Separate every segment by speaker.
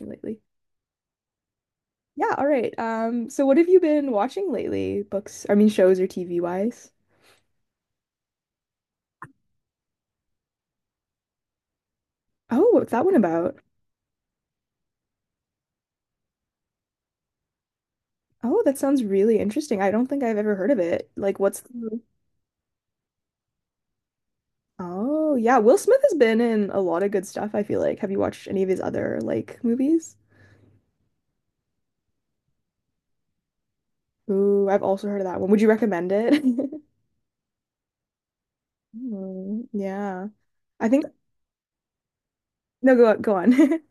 Speaker 1: Lately. Yeah, all right. So what have you been watching lately? Books, I mean shows or TV wise? Oh, what's that one about? Oh, that sounds really interesting. I don't think I've ever heard of it. Like what's the... Oh, yeah, Will Smith has been in a lot of good stuff, I feel like. Have you watched any of his other like movies? Ooh, I've also heard of that one. Would you recommend it? Mm, yeah. I think no, go on.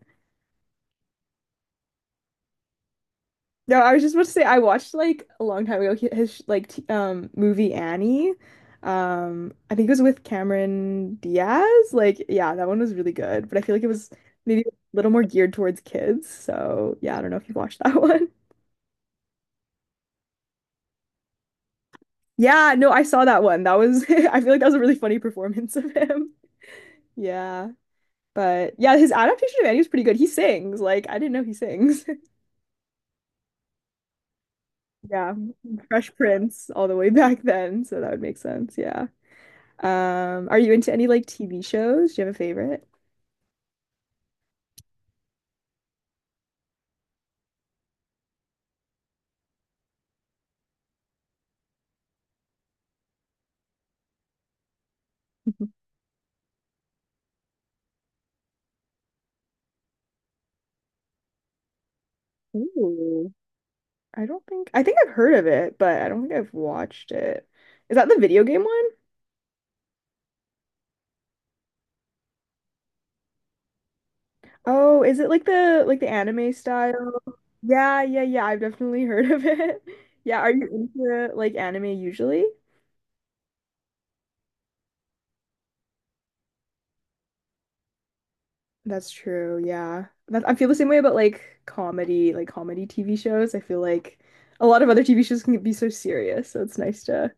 Speaker 1: No, I was just about to say I watched like a long time ago hi- his like t movie Annie. I think it was with Cameron Diaz. Like, yeah, that one was really good, but I feel like it was maybe a little more geared towards kids. So, yeah, I don't know if you've watched that one. Yeah, no, I saw that one. That was I feel like that was a really funny performance of him. Yeah. But yeah, his adaptation of Annie was pretty good. He sings. Like, I didn't know he sings. Yeah. Fresh Prince all the way back then, so that would make sense. Yeah. Are you into any like TV shows? Do you have a favorite? Mhm. Ooh. I don't think I think I've heard of it, but I don't think I've watched it. Is that the video game one? Oh, is it like the anime style? Yeah, yeah, yeah. I've definitely heard of it. Yeah, are you into like anime usually? That's true. Yeah. That, I feel the same way about like comedy TV shows. I feel like a lot of other TV shows can be so serious, so it's nice to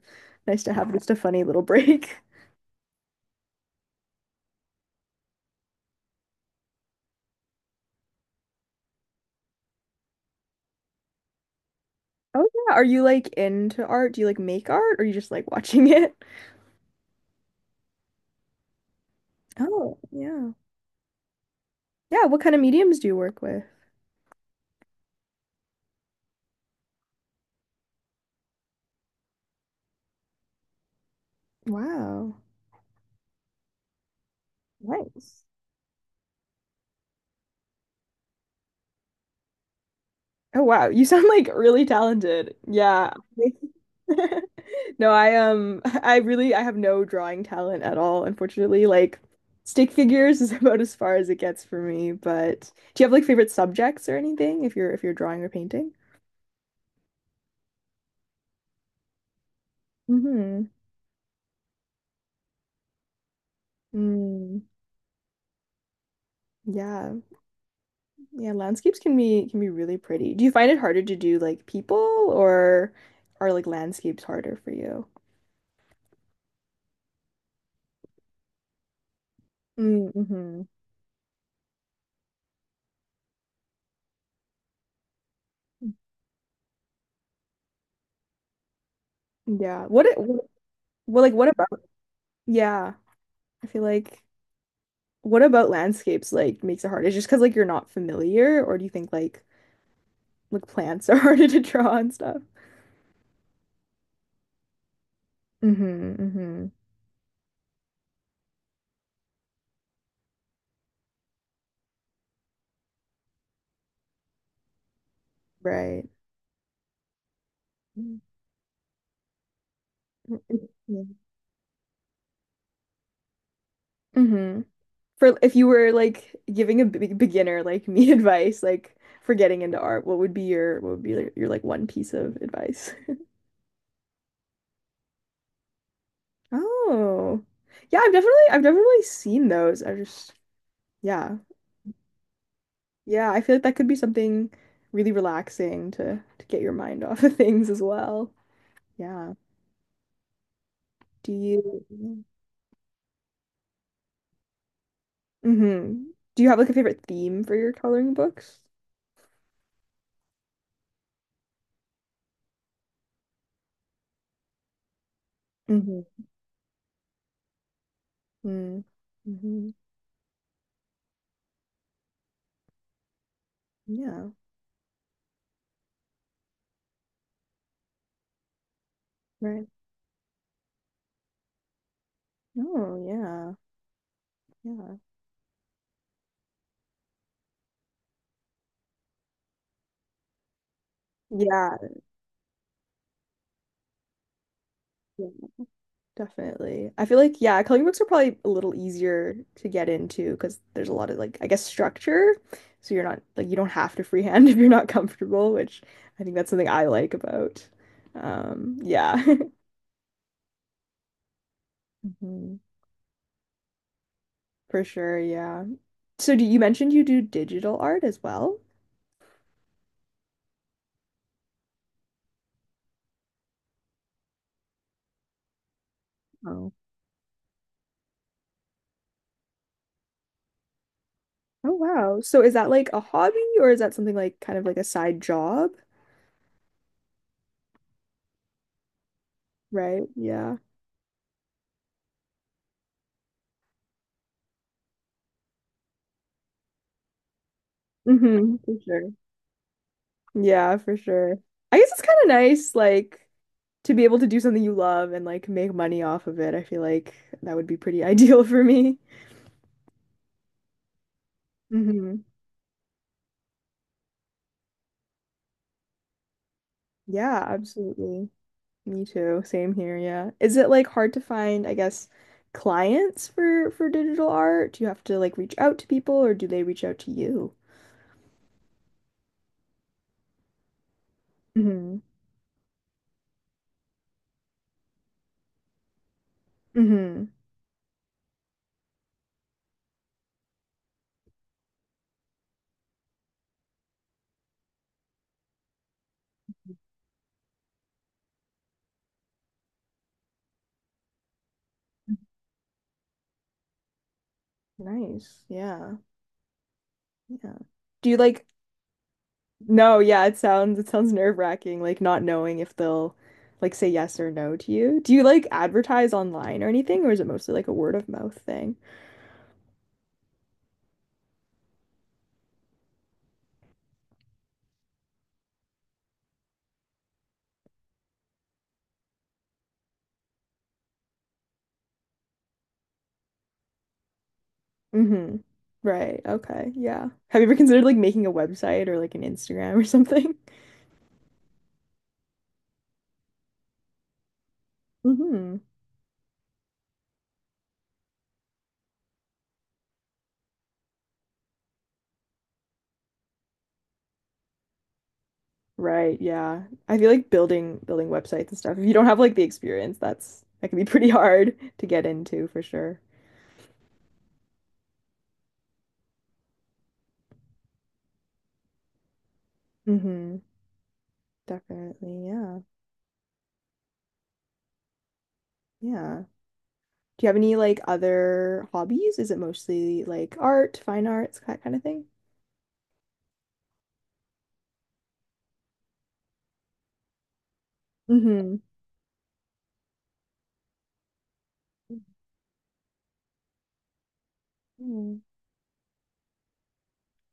Speaker 1: nice to have just a funny little break. Oh yeah. Are you like into art? Do you like make art or you just like watching it? Oh, yeah. Yeah, what kind of mediums do you work with? Wow. Nice. Oh wow, you sound like really talented. Yeah. No, I I really I have no drawing talent at all, unfortunately. Like stick figures is about as far as it gets for me, but do you have like favorite subjects or anything if you're drawing or painting? Mm-hmm. Mm, yeah. Yeah, landscapes can be really pretty. Do you find it harder to do like people or are like landscapes harder for you? Mm-hmm. Yeah. What, well like what about yeah. I feel like what about landscapes like makes it hard? Is just because like you're not familiar, or do you think like plants are harder to draw and stuff? Mm-hmm, mm-hmm. Right. Mm-hmm. For if you were like giving a big beginner like me advice, like for getting into art, what would be your what would be like, your like one piece of advice? Oh. Yeah, I've definitely seen those. I just yeah. Yeah, I feel like that could be something really relaxing to get your mind off of things as well. Yeah. Do you hmm Do you have like a favorite theme for your coloring books? Mm-hmm. Mm-hmm. Yeah. Right. Oh, yeah. Yeah. Yeah. Definitely. I feel like, yeah, coloring books are probably a little easier to get into because there's a lot of like, I guess, structure. So you're not like you don't have to freehand if you're not comfortable, which I think that's something I like about. Yeah. Mhm. For sure, yeah. So do you mentioned you do digital art as well? Oh. Oh wow. So is that like a hobby or is that something like kind of like a side job? Right? Yeah. hmm For sure. Yeah, for sure. I guess it's kind of nice, like to be able to do something you love and like make money off of it, I feel like that would be pretty ideal for me. Hmm Yeah, absolutely. Me too. Same here, yeah. Is it like hard to find, I guess, clients for digital art? Do you have to like reach out to people or do they reach out to you? Hmm hmm Nice. Yeah. Yeah. Do you like No, yeah, it sounds nerve-wracking, like not knowing if they'll like say yes or no to you. Do you like advertise online or anything, or is it mostly like a word of mouth thing? Mm-hmm. Right. Okay. Yeah. Have you ever considered like making a website or like an Instagram or something? Mm-hmm. Right. Yeah. I feel like building websites and stuff. If you don't have like the experience, that's that can be pretty hard to get into for sure. Mm-hmm. Definitely. Yeah. Yeah. Do you have any like other hobbies? Is it mostly like art, fine arts, that kind of thing? Hmm Mm.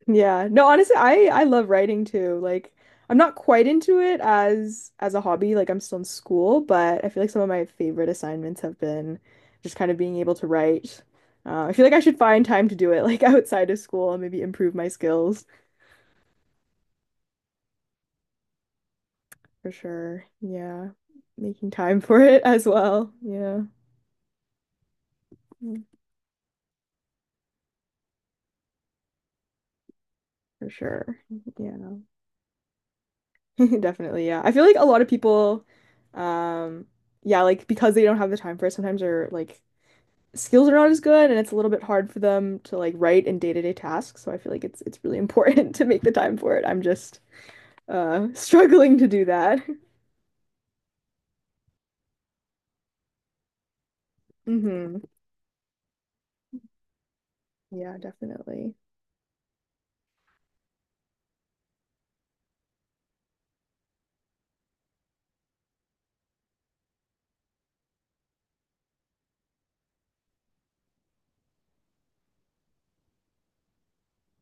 Speaker 1: Yeah. No, honestly, I love writing too. Like I'm not quite into it as a hobby. Like I'm still in school, but I feel like some of my favorite assignments have been just kind of being able to write. I feel like I should find time to do it like outside of school and maybe improve my skills for sure. Yeah. Making time for it as well. Yeah. Mm, for sure. Yeah. Definitely, yeah. I feel like a lot of people, um, yeah, like because they don't have the time for it, sometimes their like skills are not as good and it's a little bit hard for them to like write in day-to-day tasks. So I feel like it's really important to make the time for it. I'm just struggling to do that. hmm Yeah, definitely.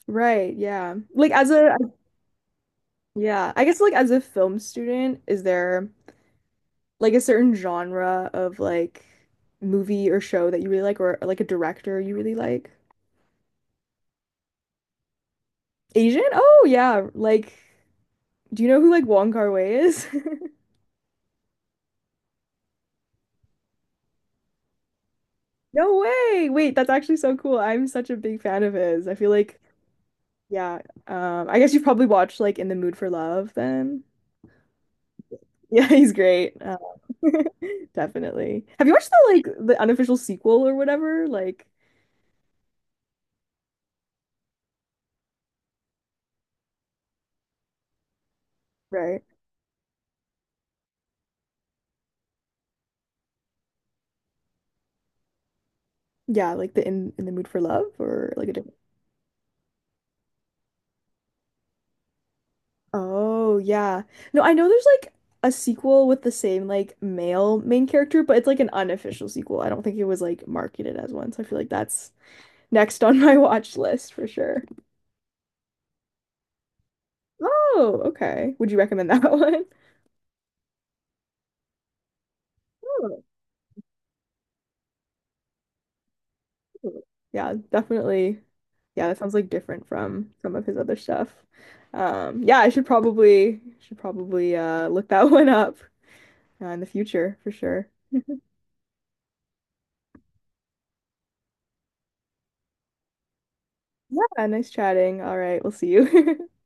Speaker 1: Right, yeah. Like as a yeah, I guess like as a film student, is there like a certain genre of like movie or show that you really like or like a director you really like? Asian? Oh yeah, like do you know who like Wong Kar-wai is? No way. Wait, that's actually so cool. I'm such a big fan of his. I feel like yeah, I guess you've probably watched like In the Mood for Love then. Yeah, he's great. Definitely. Have you watched the like the unofficial sequel or whatever? Like right. Yeah, like the In the Mood for Love or like a different Oh, yeah. No, I know there's like a sequel with the same like male main character, but it's like an unofficial sequel. I don't think it was like marketed as one, so I feel like that's next on my watch list for sure. Oh, okay. Would you recommend that one? Oh, cool. Yeah, definitely. Yeah, that sounds like different from some of his other stuff. Yeah, I should probably look that one up in the future for sure. Yeah, nice chatting. All right, we'll see you.